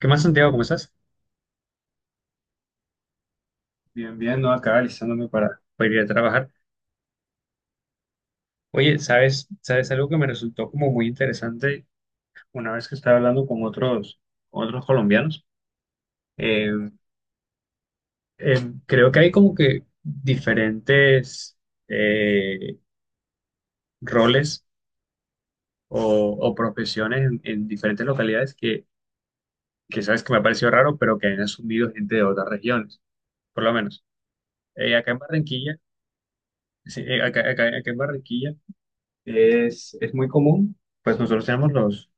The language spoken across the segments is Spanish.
¿Qué más, Santiago? ¿Cómo estás? Bien, bien, no acá alistándome para ir a trabajar. Oye, ¿ sabes algo que me resultó como muy interesante una vez que estaba hablando con con otros colombianos? Eh, Creo que hay como que diferentes eh, roles o, o profesiones en diferentes localidades que sabes que me ha parecido raro, pero que han asumido gente de otras regiones, por lo menos. Acá en Barranquilla, sí, acá en Barranquilla es muy común, pues nosotros tenemos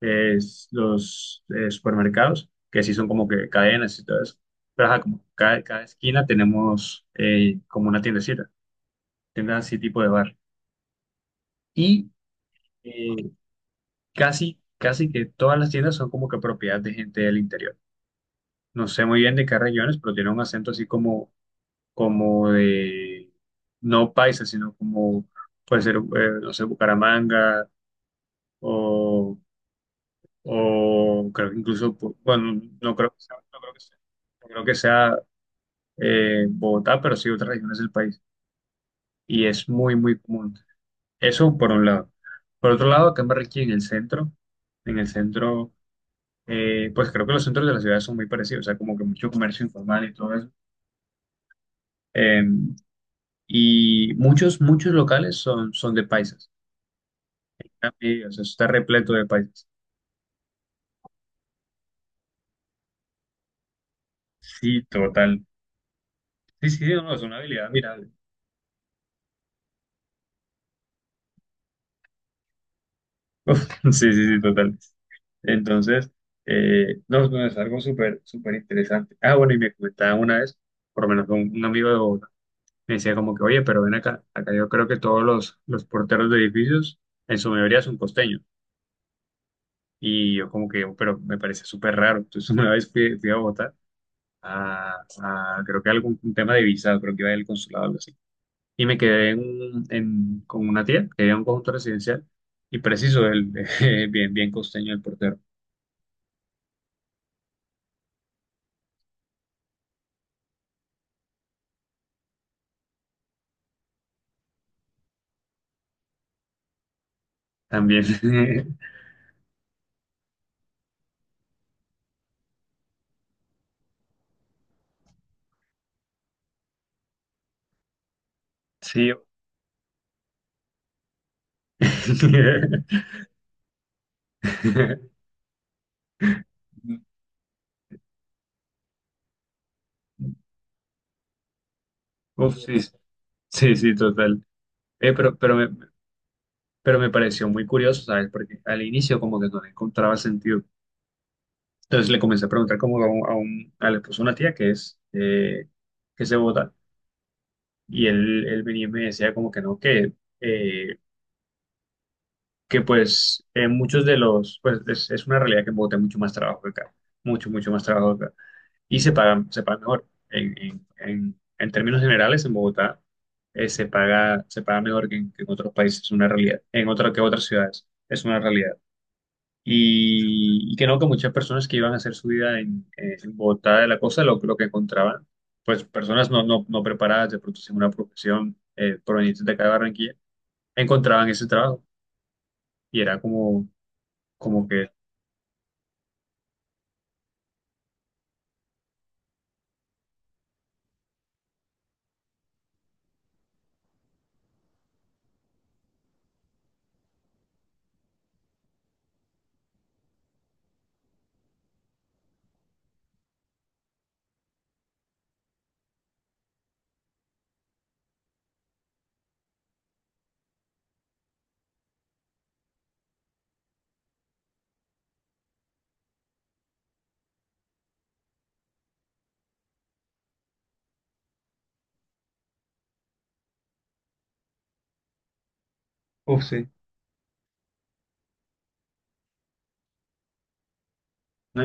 eh, los supermercados, que sí son como que cadenas y todo eso, pero ajá, como cada esquina tenemos como una tiendecita, tienda así tipo de bar. Y eh, casi que todas las tiendas son como que propiedad de gente del interior. No sé muy bien de qué regiones, pero tiene un acento así como, como de, no paisa, sino como puede ser, no sé, Bucaramanga o creo que incluso, bueno, no creo que sea Bogotá, pero sí otras regiones del país. Y es muy, muy común. Eso por un lado. Por otro lado, acá en Barranquilla, en el centro, pues creo que los centros de la ciudad son muy parecidos, o sea, como que mucho comercio informal y todo eso. Eh, y muchos locales son de paisas. Sí, o sea, está repleto de paisas. Sí, total. Sí, sí, no, es una habilidad admirable. Sí, sí, sí, total. Entonces, no, no, es algo súper, súper interesante. Ah, bueno, y me comentaba una vez, por lo menos con un amigo de Bogotá, me decía como que, oye, pero ven acá, acá yo creo que todos los porteros de edificios, en su mayoría son costeños. Y yo como que, pero me parece súper raro. Entonces una vez fui a Bogotá, a, creo que algún un tema de visado, creo que iba del consulado o algo así. Y me quedé con una tía, que era en un conjunto residencial, y preciso, el, bien, bien costeño el portero. También, sí, Uf, sí, sí, sí, total. Eh, pero, pero, me, pero me pareció muy curioso, ¿sabes? Porque al inicio como que no le encontraba sentido. Entonces le comencé a preguntar como a un, a la esposa de una tía que es que se vota. Y él venía y me decía como que no, eh, que pues en muchos de los, pues es una realidad que en Bogotá hay mucho más trabajo que acá. Mucho, mucho más trabajo acá. Y se pagan mejor. En términos generales, en Bogotá se paga mejor que en otros países, es una realidad, en otras que otras ciudades, es una realidad. Y que no, que muchas personas que iban a hacer su vida en en Bogotá de la costa, lo que encontraban, pues personas no, no, no preparadas, de pronto sin una profesión provenientes de acá de Barranquilla, encontraban ese trabajo. Y era como, como que, uff, sí, ¿no?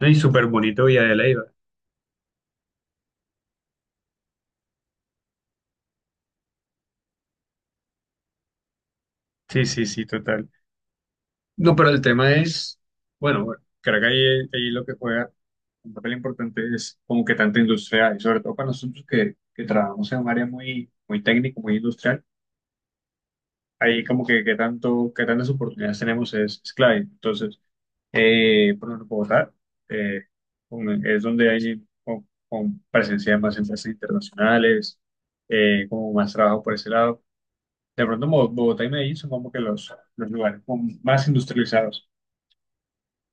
Y súper bonito Villa de Leyva. Sí, sí, sí, total. No, pero el tema es, bueno, bueno, creo que ahí lo que juega un papel importante es como que tanta industria hay, sobre todo para nosotros que trabajamos en un área muy, muy técnica, muy industrial, ahí como que, qué tanto, qué tantas oportunidades tenemos es clave. Entonces, por ejemplo, Bogotá eh, es donde hay con presencia de más empresas internacionales, como más trabajo por ese lado. De pronto, Bogotá y Medellín son como que los lugares como más industrializados.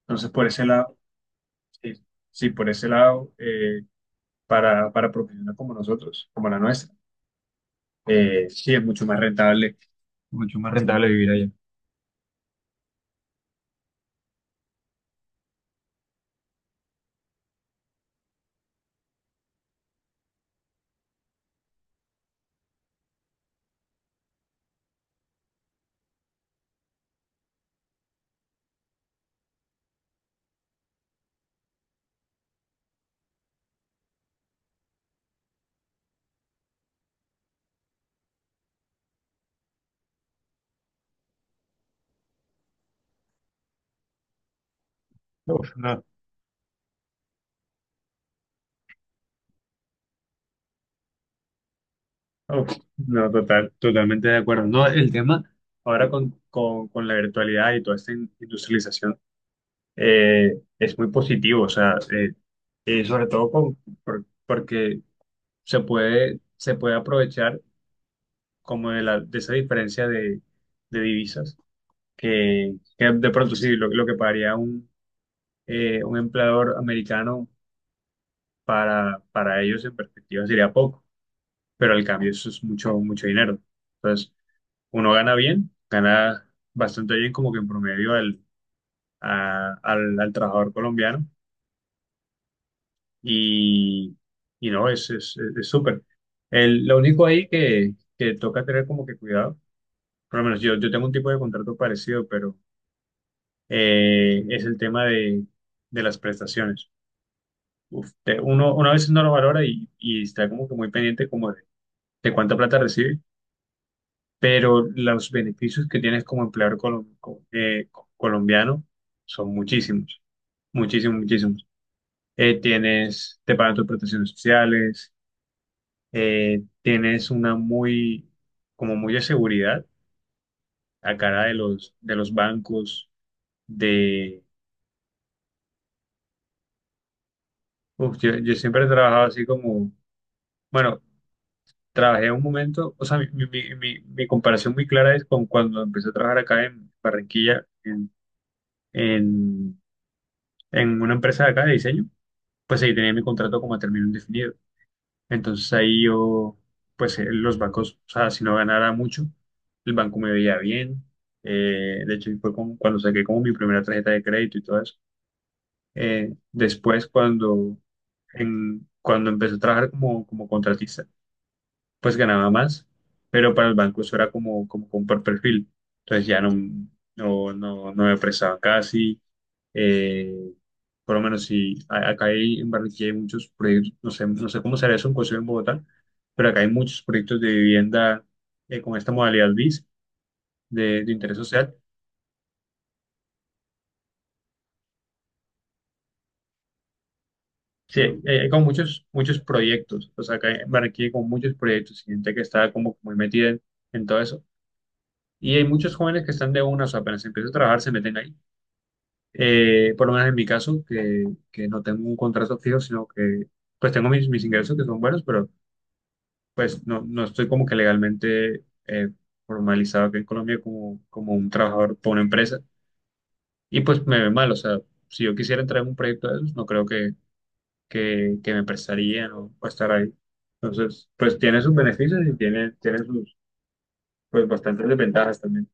Entonces, por ese lado Sí, sí, por ese lado, para profesionales como nosotros, como la nuestra, sí es mucho más rentable vivir allá. Uf, no, uf, no, total, totalmente de acuerdo. No, el tema ahora con la virtualidad y toda esta industrialización es muy positivo, o sea, sobre todo porque se puede aprovechar como de, de esa diferencia de divisas que de pronto sí, lo que pagaría un empleador americano para ellos en perspectiva sería poco, pero al cambio eso es mucho, mucho dinero. Entonces, uno gana bien, gana bastante bien como que en promedio al al trabajador colombiano y, y no, es súper. Lo único ahí que toca tener como que cuidado, por lo menos yo, yo tengo un tipo de contrato parecido, pero es el tema de las prestaciones. Uf, uno a veces no lo valora y está como que muy pendiente como de cuánta plata recibe, pero los beneficios que tienes como empleador colombiano son muchísimos, muchísimos, muchísimos. Tienes, te pagan tus protecciones sociales, tienes una muy, como muy de seguridad a cara de de los bancos, de, uf, yo siempre he trabajado así como, bueno, trabajé un momento, o sea, mi comparación muy clara es con cuando empecé a trabajar acá en Barranquilla, en, en una empresa de acá de diseño, pues ahí tenía mi contrato como a término indefinido. Entonces ahí yo, pues los bancos, o sea, si no ganara mucho, el banco me veía bien. De hecho, fue como cuando saqué como mi primera tarjeta de crédito y todo eso. Después, cuando empecé a trabajar como contratista, pues ganaba más, pero para el banco eso era como por perfil. Entonces no me prestaban casi. eh, por lo menos si a- acá hay, en Barranquilla hay muchos proyectos, no sé, no sé cómo será eso en Concepción, en Bogotá, pero acá hay muchos proyectos de vivienda con esta modalidad BIS de interés social. Sí, hay como muchos, muchos proyectos. O sea, acá en Barranquilla hay como muchos proyectos, gente que está como muy metida en todo eso. Y hay muchos jóvenes que están de una, o sea, apenas empieza a trabajar, se meten ahí. Por lo menos en mi caso, que no tengo un contrato fijo, sino que pues tengo mis ingresos que son buenos, pero pues no, no estoy como que legalmente formalizado aquí en Colombia como, como un trabajador por una empresa. Y pues me ve mal, o sea, si yo quisiera entrar en un proyecto de esos, no creo que me prestarían o estar ahí. Entonces, pues tiene sus beneficios y tiene sus pues bastantes desventajas también.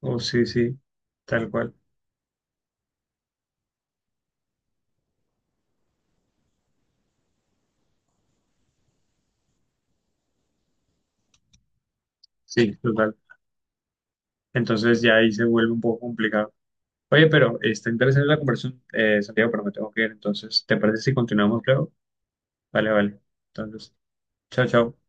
Oh, sí, sí, tal cual. Sí, total. Entonces ya ahí se vuelve un poco complicado. Oye, pero está interesante la conversación, Santiago, pero me tengo que ir. Entonces, ¿te parece si continuamos luego? Vale, vale. Entonces, chao, chao.